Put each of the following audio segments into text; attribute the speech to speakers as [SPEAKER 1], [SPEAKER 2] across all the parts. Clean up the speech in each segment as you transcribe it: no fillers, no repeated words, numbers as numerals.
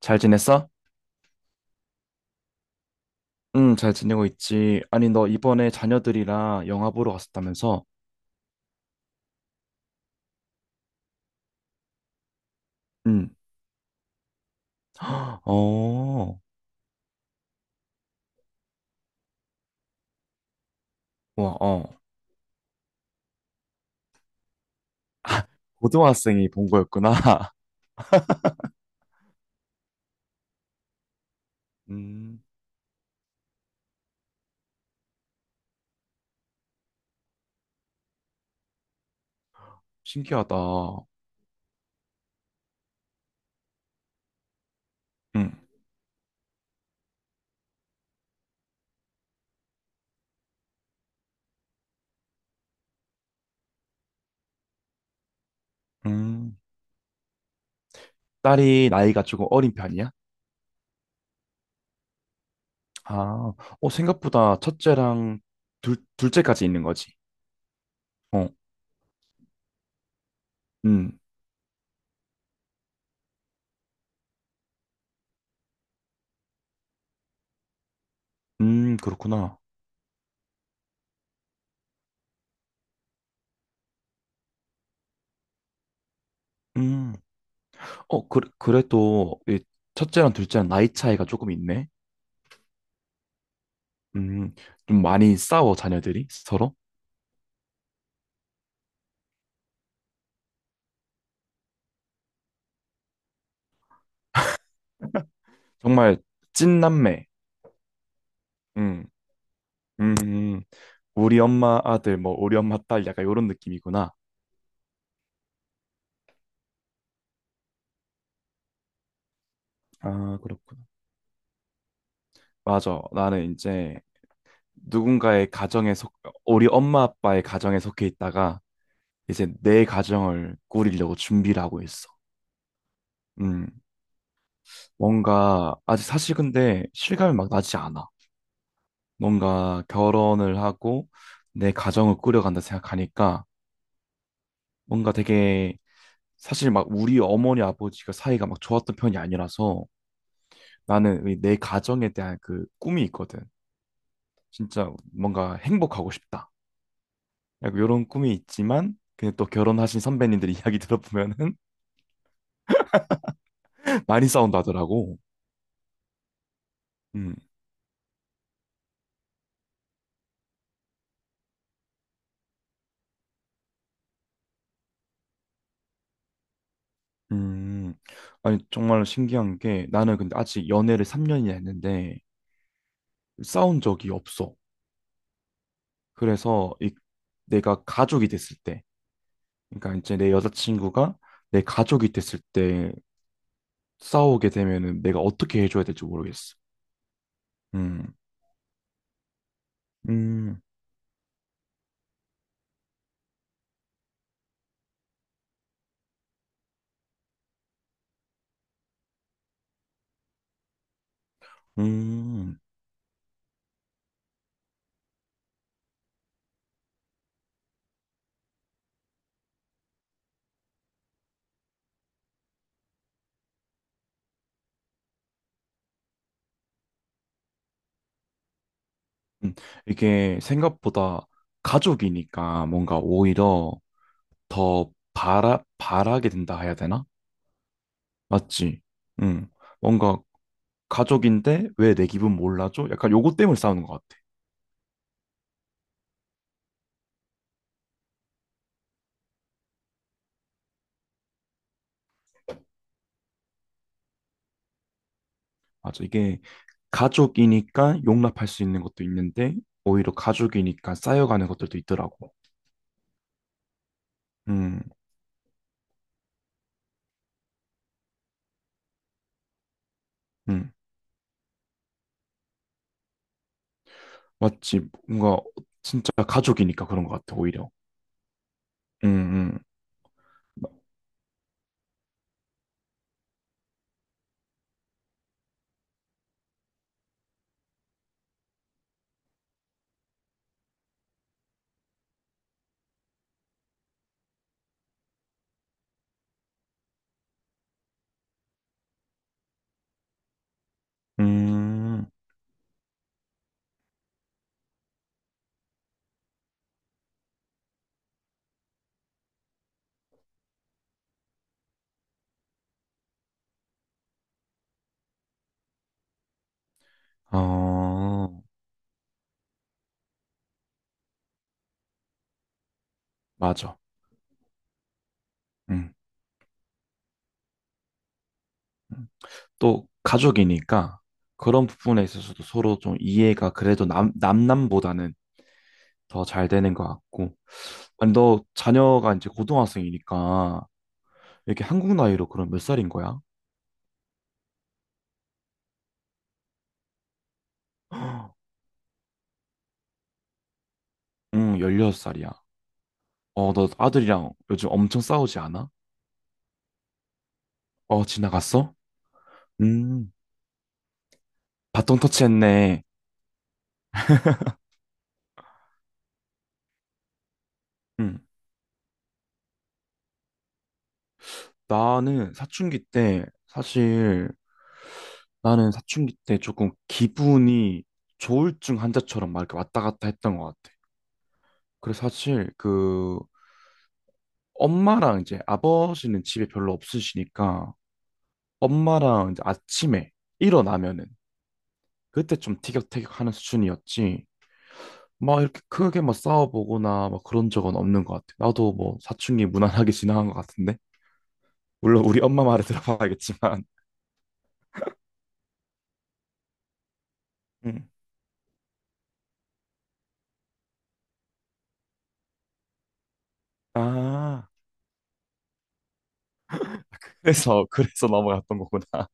[SPEAKER 1] 잘 지냈어? 응, 잘 지내고 있지. 아니, 너 이번에 자녀들이랑 영화 보러 갔었다면서? 응. 어, 와, 어. 아, 고등학생이 본 거였구나. 음, 신기하다. 응, 음. 딸이 나이가 조금 어린 편이야? 아, 어, 생각보다 첫째랑 둘째까지 있는 거지. 어, 음, 그렇구나. 음, 어, 그래도 이 첫째랑 둘째랑 나이 차이가 조금 있네. 음, 좀 많이 싸워, 자녀들이 서로. 정말 찐남매. 음, 음, 음. 우리 엄마 아들, 뭐, 우리 엄마 딸, 약간 이런 느낌이구나. 아, 그렇구나. 맞아. 나는 이제 누군가의 가정에 속, 우리 엄마 아빠의 가정에 속해 있다가 이제 내 가정을 꾸리려고 준비를 하고 있어. 음, 뭔가, 아직 사실 근데 실감이 막 나지 않아. 뭔가 결혼을 하고 내 가정을 꾸려간다 생각하니까 뭔가 되게 사실 막 우리 어머니 아버지가 사이가 막 좋았던 편이 아니라서 나는 이내 가정에 대한 그 꿈이 있거든. 진짜 뭔가 행복하고 싶다. 약간 이런 꿈이 있지만 근데 또 결혼하신 선배님들 이야기 들어보면은 많이 싸운다더라고. 음. 음. 아니 정말 신기한 게 나는 근데 아직 연애를 3년이나 했는데 싸운 적이 없어. 그래서 이 내가 가족이 됐을 때 그러니까 이제 내 여자친구가 내 가족이 됐을 때 싸우게 되면은 내가 어떻게 해줘야 될지 모르겠어. 음, 음, 음, 음. 이게 생각보다 가족이니까 뭔가 오히려 더 바라게 된다 해야 되나? 맞지? 음, 뭔가 가족인데 왜 내 기분 몰라줘? 약간 요거 때문에 싸우는 것 같아. 맞아. 이게 가족이니까 용납할 수 있는 것도 있는데 오히려 가족이니까 쌓여가는 것들도 있더라고. 음, 음. 맞지. 뭔가 진짜 가족이니까 그런 것 같아, 오히려. 음, 음. 음, 어, 맞아. 음. 음. 또 가족이니까 그런 부분에 있어서도 서로 좀 이해가 그래도 남, 남남보다는 더 잘 되는 것 같고. 아니, 너 자녀가 이제 고등학생이니까 이렇게 한국 나이로 그럼 몇 살인 거야? 응, 16살이야. 어, 너 아들이랑 요즘 엄청 싸우지 않아? 어, 지나갔어? 음, 바통 터치했네. 응. 나는 사춘기 때, 사실, 나는 사춘기 때 조금 기분이 조울증 환자처럼 막 이렇게 왔다 갔다 했던 것 같아. 그래서 사실, 그, 엄마랑 이제 아버지는 집에 별로 없으시니까, 엄마랑 이제 아침에 일어나면은, 그때 좀 티격태격 하는 수준이었지. 막 이렇게 크게 막 싸워보거나 막 그런 적은 없는 것 같아. 나도 뭐 사춘기 무난하게 지나간 것 같은데. 물론 우리 엄마 말에 들어봐야겠지만. 음. 아, 그래서 넘어갔던 거구나.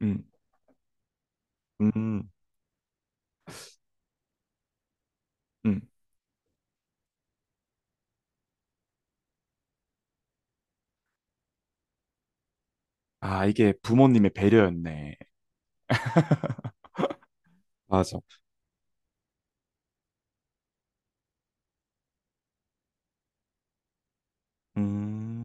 [SPEAKER 1] 음, 음, 음. 아, 이게 부모님의 배려였네. 맞아. 음,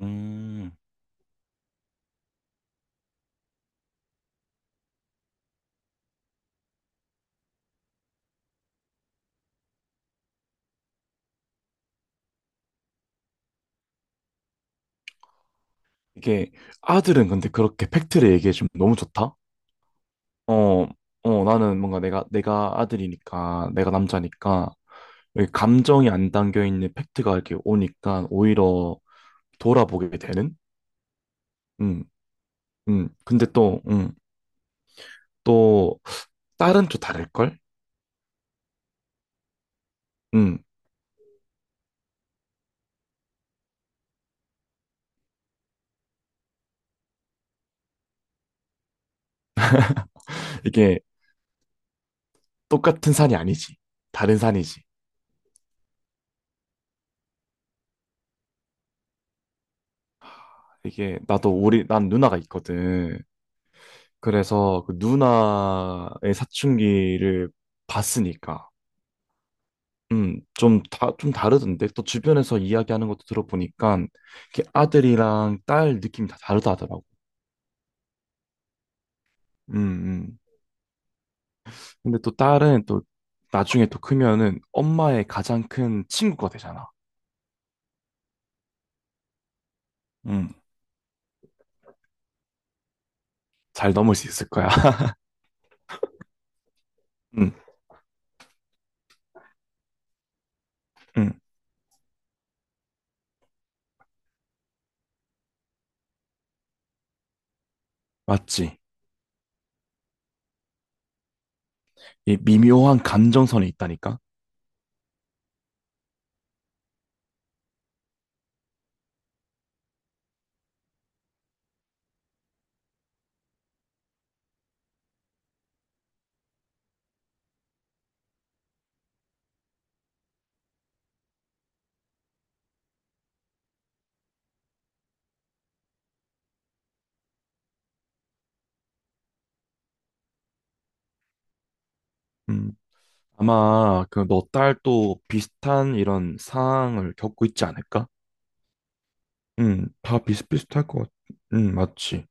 [SPEAKER 1] 음. 이게 아들은 근데 그렇게 팩트를 얘기해주면 너무 좋다? 어, 어, 나는 뭔가 내가 아들이니까, 내가 남자니까, 여기 감정이 안 담겨 있는 팩트가 이렇게 오니까 오히려 돌아보게 되는? 음, 근데 또, 또, 딸은 또 다를걸? 음, 이게 똑같은 산이 아니지. 다른 산이지. 이게, 나도 우리, 난 누나가 있거든. 그래서 그 누나의 사춘기를 봤으니까. 좀 다르던데. 또 주변에서 이야기하는 것도 들어보니까, 이렇게 아들이랑 딸 느낌이 다 다르다 하더라고. 음, 음. 근데 또 딸은 또 나중에 또 크면은 엄마의 가장 큰 친구가 되잖아. 음, 잘 넘을 수 있을 거야. 음, 음, 맞지. 이 미묘한 감정선이 있다니까. 음, 아마 그 너 딸 또 비슷한 이런 상황을 겪고 있지 않을까? 다 비슷비슷할 것 같, 맞지.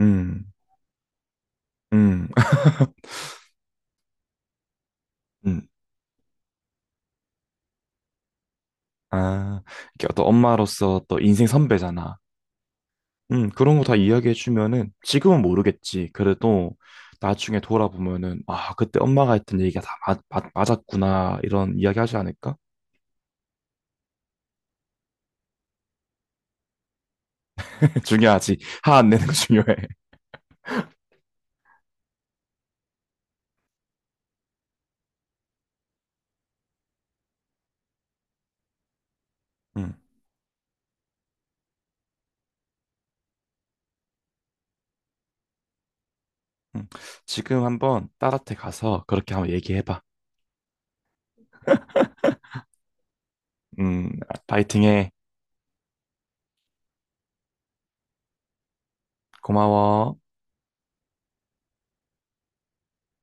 [SPEAKER 1] 음, 음. 음. 아, 이렇게 어떤 엄마로서 또 인생 선배잖아. 그런 거 다 이야기해주면은 지금은 모르겠지. 그래도 나중에 돌아보면은, 아, 그때 엄마가 했던 얘기가 다 맞았구나. 이런 이야기 하지 않을까? 중요하지. 화 안 내는 거 중요해. 음, 음. 지금 한번 딸한테 가서 그렇게 한번 얘기해봐. 음, 파이팅해. 고마워.